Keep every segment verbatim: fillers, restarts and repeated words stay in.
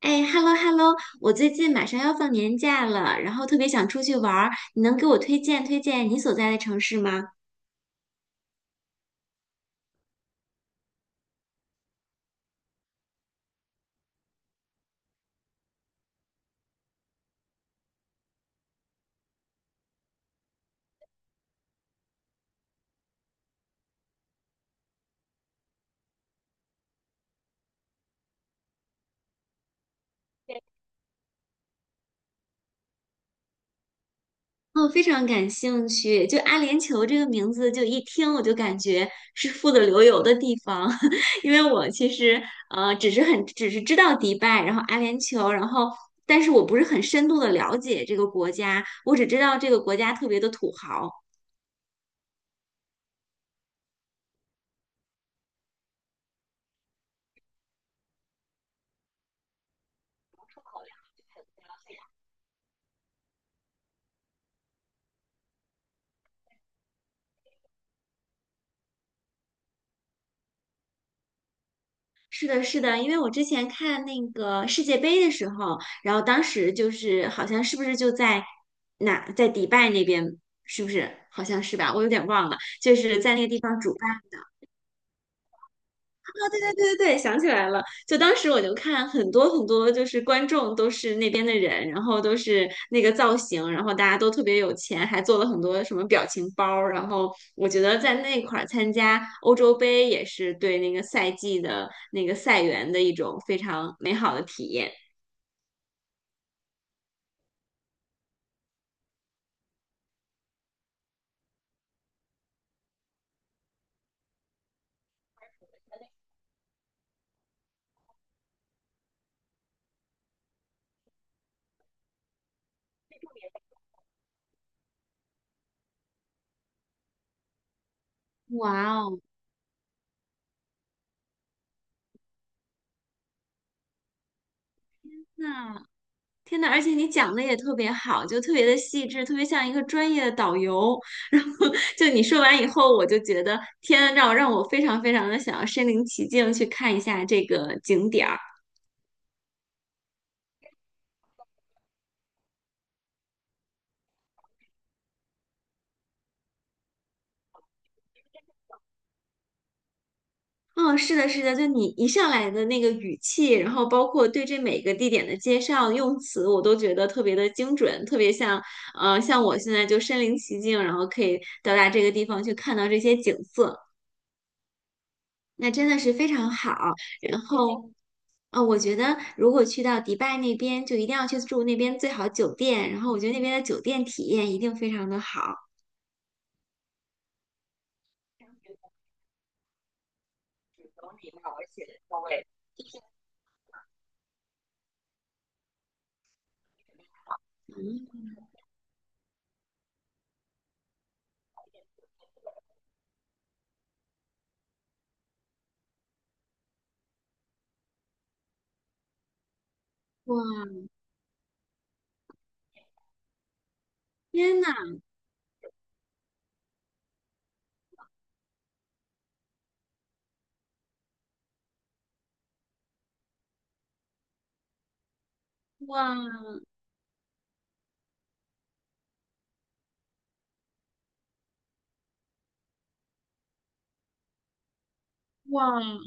哎，hello hello，我最近马上要放年假了，然后特别想出去玩儿，你能给我推荐推荐你所在的城市吗？哦，非常感兴趣。就阿联酋这个名字，就一听我就感觉是富得流油的地方，因为我其实呃只是很只是知道迪拜，然后阿联酋，然后但是我不是很深度的了解这个国家，我只知道这个国家特别的土豪。是的，是的，因为我之前看那个世界杯的时候，然后当时就是好像是不是就在哪，在迪拜那边，是不是？好像是吧，我有点忘了，就是在那个地方主办。对对对，想起来了。就当时我就看很多很多，就是观众都是那边的人，然后都是那个造型，然后大家都特别有钱，还做了很多什么表情包儿。然后我觉得在那块儿参加欧洲杯也是对那个赛季的那个赛员的一种非常美好的体验。哇哦，那天呐，而且你讲的也特别好，就特别的细致，特别像一个专业的导游。然后就你说完以后，我就觉得天，让我让我非常非常的想要身临其境去看一下这个景点儿。哦，是的，是的，就你一上来的那个语气，然后包括对这每个地点的介绍用词，我都觉得特别的精准，特别像呃，像我现在就身临其境，然后可以到达这个地方去看到这些景色，那真的是非常好。然后。啊、我觉得如果去到迪拜那边，就一定要去住那边最好酒店，然后我觉得那边的酒店体验一定非常的好。嗯哇，天呐，哇哇！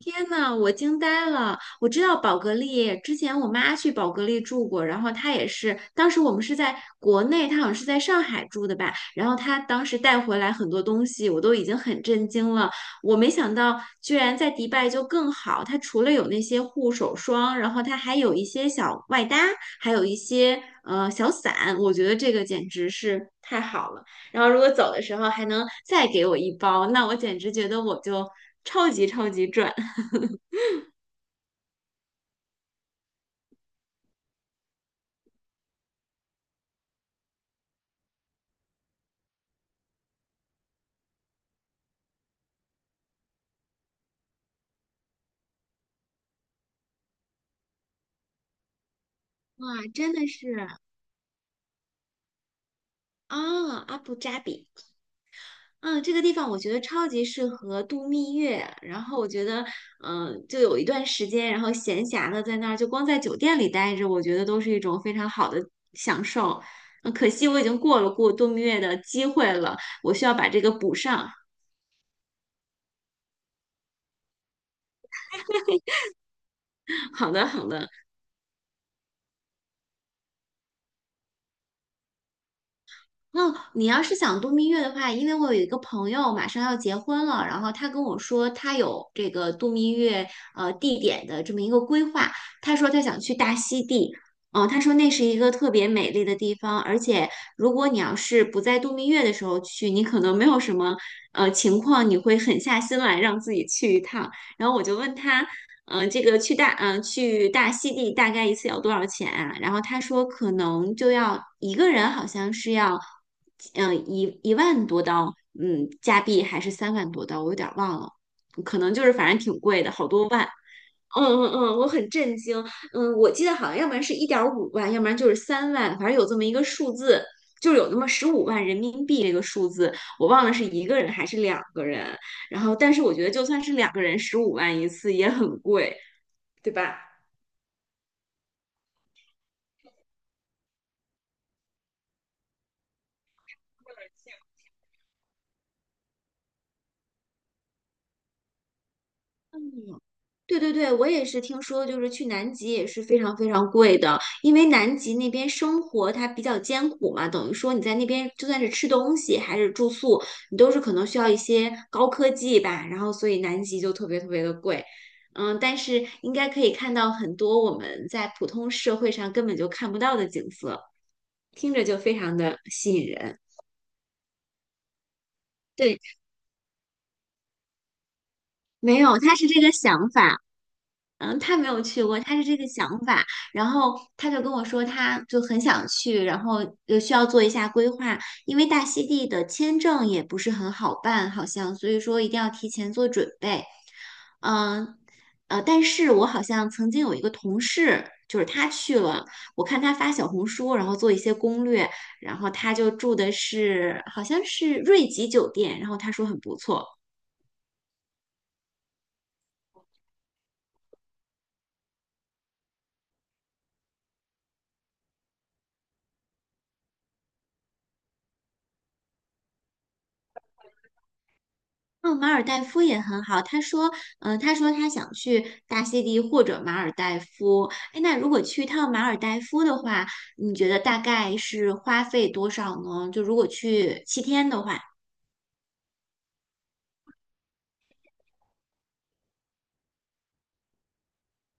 天呐，我惊呆了！我知道宝格丽，之前我妈去宝格丽住过，然后她也是，当时我们是在国内，她好像是在上海住的吧，然后她当时带回来很多东西，我都已经很震惊了。我没想到居然在迪拜就更好，它除了有那些护手霜，然后它还有一些小外搭，还有一些呃小伞，我觉得这个简直是太好了。然后如果走的时候还能再给我一包，那我简直觉得我就超级超级赚。哇，真的是啊，阿布扎比，嗯，这个地方我觉得超级适合度蜜月。然后我觉得，嗯，就有一段时间，然后闲暇的在那儿，就光在酒店里待着，我觉得都是一种非常好的享受。嗯，可惜我已经过了过度蜜月的机会了，我需要把这个补上。好的，好的。哦，你要是想度蜜月的话，因为我有一个朋友马上要结婚了，然后他跟我说他有这个度蜜月呃地点的这么一个规划，他说他想去大溪地，嗯、他说那是一个特别美丽的地方，而且如果你要是不在度蜜月的时候去，你可能没有什么呃情况，你会狠下心来让自己去一趟。然后我就问他，嗯、呃这个去大嗯、呃去大溪地大概一次要多少钱啊？然后他说可能就要一个人好像是要，嗯、呃一一万多刀，嗯，加币还是三万多刀，我有点儿忘了，可能就是反正挺贵的，好多万。嗯嗯嗯，我很震惊。嗯，我记得好像要不然是一点五万，要不然就是三万，反正有这么一个数字，就是有那么十五万人民币这个数字，我忘了是一个人还是两个人。然后，但是我觉得就算是两个人，十五万一次也很贵。对吧？对对对，我也是听说，就是去南极也是非常非常贵的，因为南极那边生活它比较艰苦嘛，等于说你在那边就算是吃东西还是住宿，你都是可能需要一些高科技吧，然后所以南极就特别特别的贵，嗯，但是应该可以看到很多我们在普通社会上根本就看不到的景色，听着就非常的吸引人。对，没有，他是这个想法。嗯，他没有去过，他是这个想法，然后他就跟我说，他就很想去，然后呃需要做一下规划，因为大溪地的签证也不是很好办，好像，所以说一定要提前做准备。嗯，呃，但是我好像曾经有一个同事，就是他去了，我看他发小红书，然后做一些攻略，然后他就住的是好像是瑞吉酒店，然后他说很不错。哦，马尔代夫也很好。他说，嗯，他说他想去大溪地或者马尔代夫。哎，那如果去一趟马尔代夫的话，你觉得大概是花费多少呢？就如果去七天的话，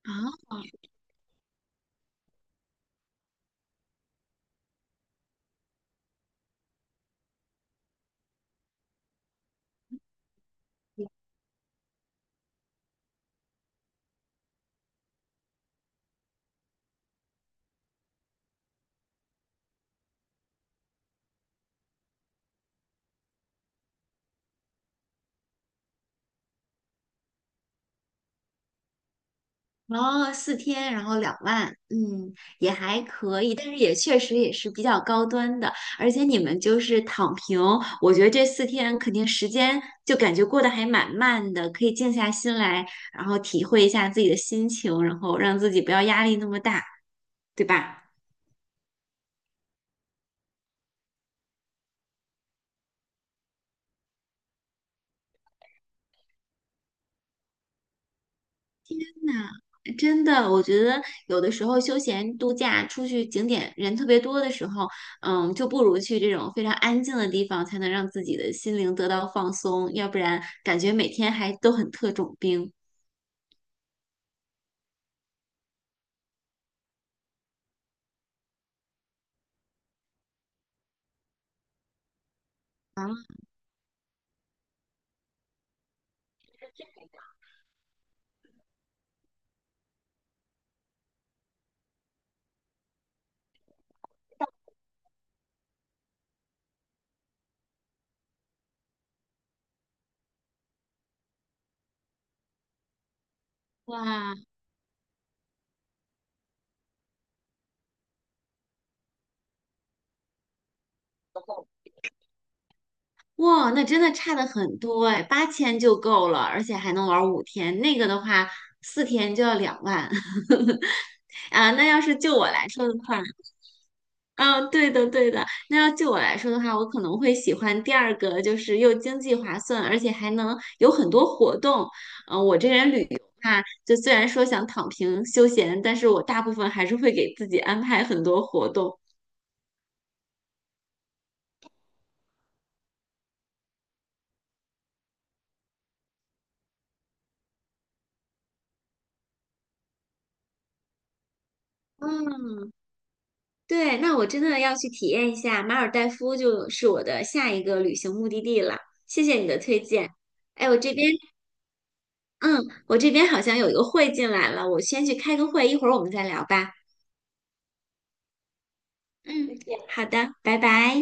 啊。哦，四天，然后两万，嗯，也还可以，但是也确实也是比较高端的，而且你们就是躺平，我觉得这四天肯定时间就感觉过得还蛮慢的，可以静下心来，然后体会一下自己的心情，然后让自己不要压力那么大，对吧？那真的，我觉得有的时候休闲度假出去景点人特别多的时候，嗯，就不如去这种非常安静的地方，才能让自己的心灵得到放松，要不然感觉每天还都很特种兵。啊，哇哇，那真的差的很多哎，八千就够了，而且还能玩五天，那个的话四天就要两万。啊，那要是就我来说的话。嗯，对的，对的。那要就我来说的话，我可能会喜欢第二个，就是又经济划算，而且还能有很多活动。嗯，我这人旅游嘛，就虽然说想躺平休闲，但是我大部分还是会给自己安排很多活动。嗯，对，那我真的要去体验一下马尔代夫，就是我的下一个旅行目的地了。谢谢你的推荐。哎，我这边，嗯，我这边好像有一个会进来了，我先去开个会，一会儿我们再聊吧。嗯，好的，拜拜。